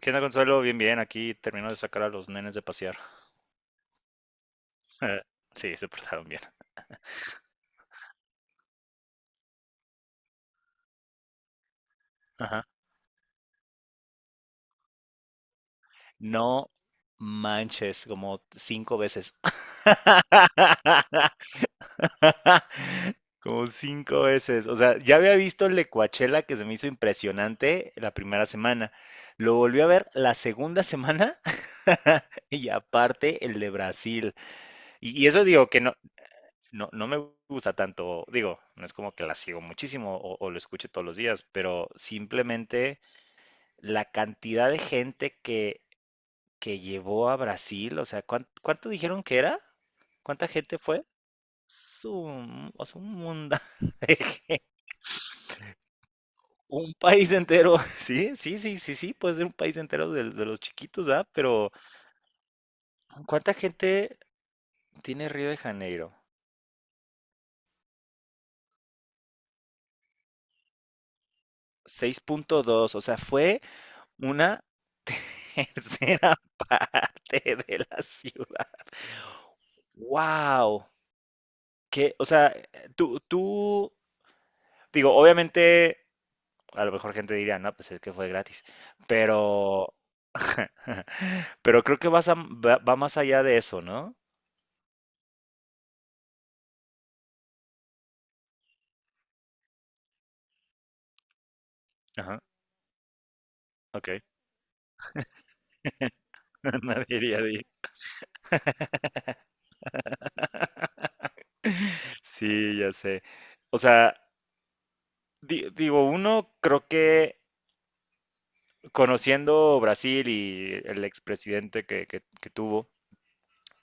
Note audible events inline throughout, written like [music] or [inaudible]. ¿Qué onda, Consuelo? Bien, bien. Aquí termino de sacar a los nenes de pasear. [laughs] Sí, se portaron bien. Ajá. ¡No manches, como cinco veces! [laughs] Como cinco veces. O sea, ya había visto el de Coachella que se me hizo impresionante la primera semana. Lo volví a ver la segunda semana [laughs] y aparte el de Brasil. Y eso digo que no, No, no me gusta tanto, digo, no es como que la sigo muchísimo o lo escuche todos los días, pero simplemente la cantidad de gente que llevó a Brasil, o sea, ¿cuánto dijeron que era? ¿Cuánta gente fue? Su- o sea, un mundo [laughs] de gente, un país entero, [laughs] sí, sí, sí, sí, sí, puede ser un país entero de los chiquitos, ¿ah? Pero ¿cuánta gente tiene Río de Janeiro? 6.2, o sea, fue una tercera [laughs] parte de la ciudad. Wow, que, o sea, tú, tú, digo, obviamente, a lo mejor gente diría, no, pues es que fue gratis, pero, [laughs] pero creo que va más allá de eso, ¿no? Ajá, ok. [laughs] Nadie diría, di- Sí, ya sé. O sea, digo, uno creo que conociendo Brasil y el expresidente que tuvo.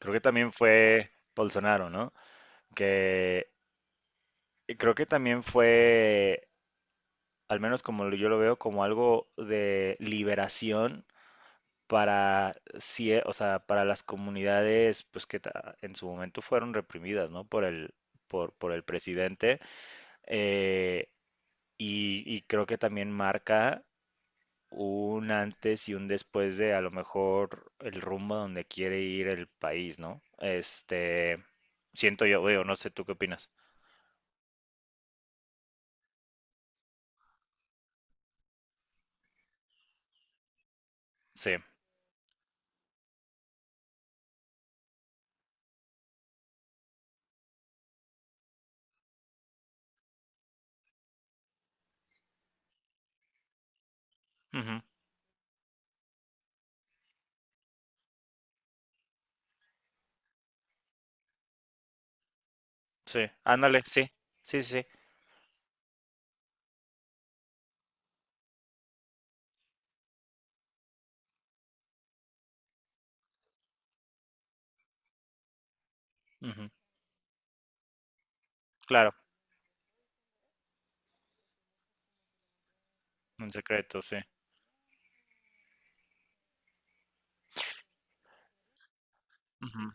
Creo que también fue Bolsonaro, ¿no? Que creo que también fue, al menos yo lo veo, como algo de liberación para, o sea, para las comunidades pues que en su momento fueron reprimidas, ¿no? Por el presidente. eh, y creo que también marca un antes y un después de a lo mejor el rumbo donde quiere ir el país, ¿no? Este, siento yo, veo, no sé, ¿tú qué opinas? Sí, ujú, sí, ándale, sí, sí, sí, ujú, claro, un secreto, sí. Ujú.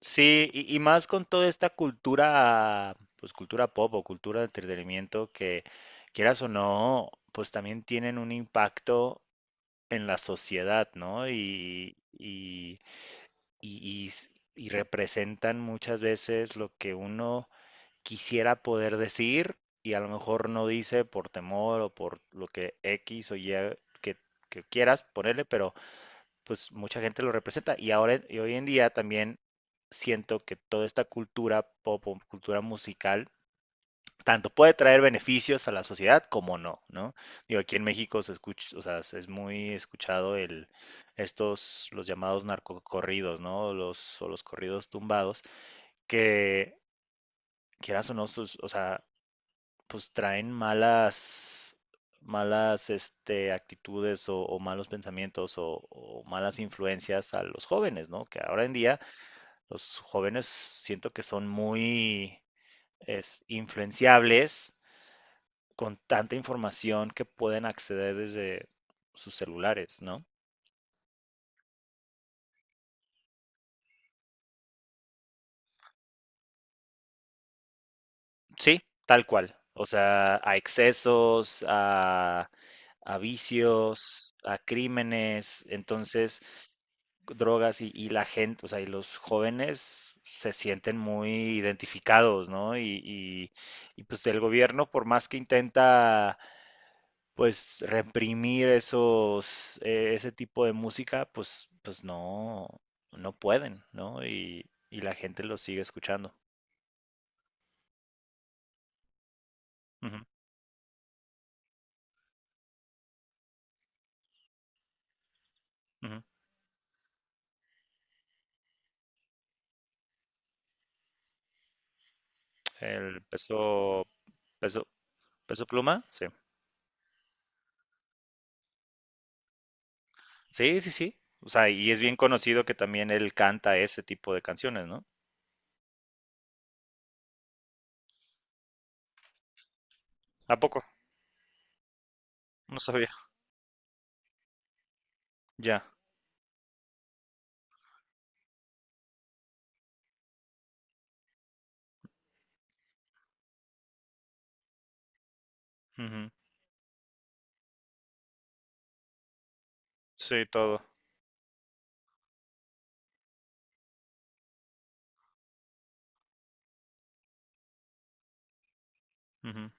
Sí, y más con toda esta cultura, pues cultura pop o cultura de entretenimiento que quieras o no, pues también tienen un impacto en la sociedad, ¿no? Y, y s- y representan muchas veces lo que uno quisiera poder decir y a lo mejor no dice por temor o por lo que X o Y que, que quieras ponerle, pero pues mucha gente lo representa. Y ahora y hoy en día también siento que toda esta cultura pop o cultura musical tanto puede traer beneficios a la sociedad como no, ¿no? Digo, aquí en México se escucha, o sea, es muy escuchado el estos los llamados narcocorridos, ¿no? Los o los corridos tumbados que quieras o no, o sea, pues traen malas, malas este, actitudes o malos pensamientos o malas influencias a los jóvenes, ¿no? Que ahora en día los jóvenes siento que son muy influenciables con tanta información que pueden acceder desde sus celulares, ¿no? Sí, tal cual. O sea, a excesos, a vicios, a crímenes. Entonces, drogas y la gente, o sea, y los jóvenes se sienten muy identificados, ¿no? Y pues el gobierno, por más que intenta, pues, reprimir esos, ese tipo de música, pues, pues no, no pueden, ¿no? Y la gente lo sigue escuchando. Ujú, ujú. El peso, peso pluma, sí. Sí, sí, sí. O sea, y es bien conocido que también él canta ese tipo de canciones, ¿no? ¿A poco? No sabía. Ya. Ujú. Sí, todo. Ujú.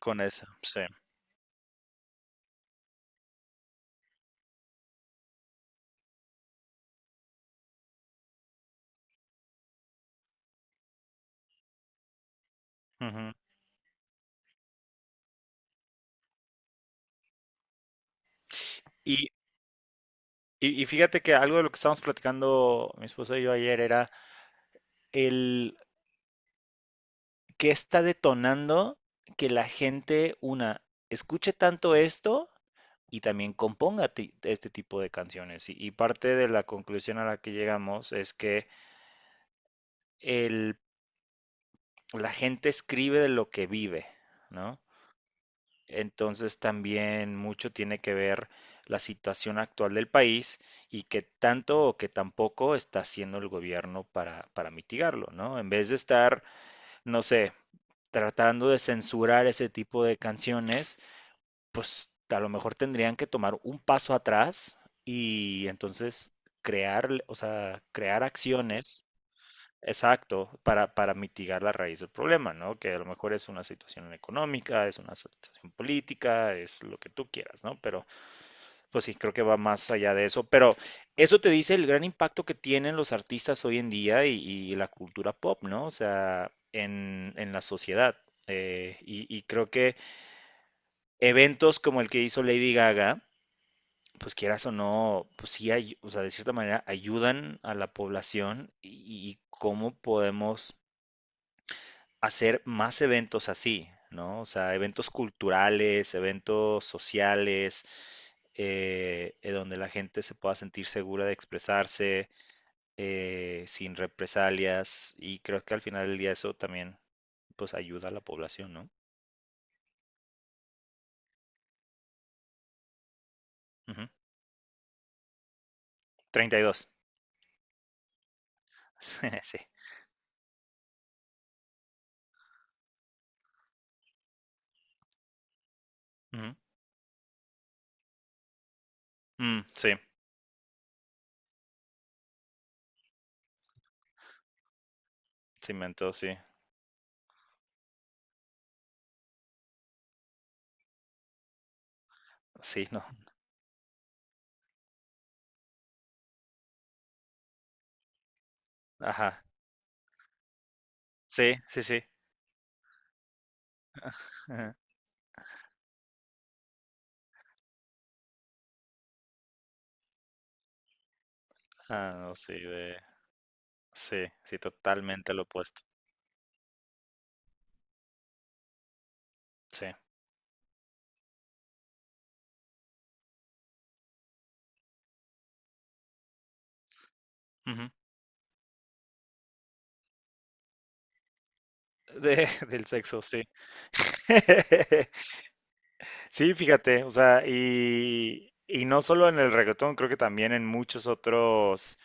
Con esa, sí. Ujú. Y, y fíjate que algo de lo que estábamos platicando mi esposa y yo ayer era el que está detonando que la gente, una, escuche tanto esto y también componga este tipo de canciones. Y parte de la conclusión a la que llegamos es que el, la gente escribe de lo que vive, ¿no? Entonces también mucho tiene que ver la situación actual del país y qué tanto o qué tampoco está haciendo el gobierno para mitigarlo, ¿no? En vez de estar, no sé, tratando de censurar ese tipo de canciones, pues a lo mejor tendrían que tomar un paso atrás y entonces crear, o sea, crear acciones. Exacto, para mitigar la raíz del problema, ¿no? Que a lo mejor es una situación económica, es una situación política, es lo que tú quieras, ¿no? Pero pues sí, creo que va más allá de eso. Pero eso te dice el gran impacto que tienen los artistas hoy en día y la cultura pop, ¿no? O sea, en la sociedad. Y creo que eventos como el que hizo Lady Gaga, pues quieras o no, pues sí, hay, o sea, de cierta manera ayudan a la población y cómo podemos hacer más eventos así, ¿no? O sea, eventos culturales, eventos sociales, donde la gente se pueda sentir segura de expresarse sin represalias y creo que al final del día eso también pues ayuda a la población, ¿no? Ujú. 32. [laughs] Sí. Ujú. Mm, sí, sí, mentó, sí. Sí, no. Ajá. Sí, sí, sí. Ajá. Ah, no, sí, de... Sí, sí, totalmente lo opuesto. Sí. Ujú. De, [laughs] del sexo, sí. [laughs] Sí, fíjate, o sea, y no solo en el reggaetón, creo que también en muchos otros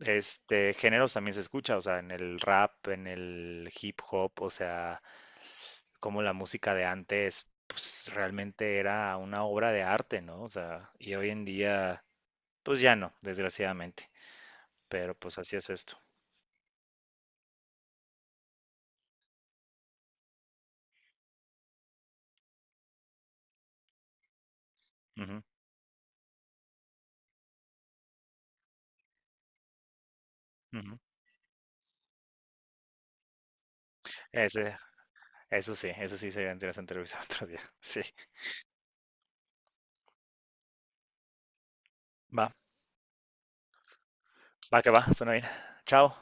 géneros también se escucha, o sea, en el rap, en el hip hop, o sea, como la música de antes, pues realmente era una obra de arte, ¿no? O sea, y hoy en día, pues ya no, desgraciadamente, pero pues así es esto. Ujú, ujú. Ese, eso sí sería interesante revisar [laughs] otro día. Sí, va, va que va, suena bien. Chao.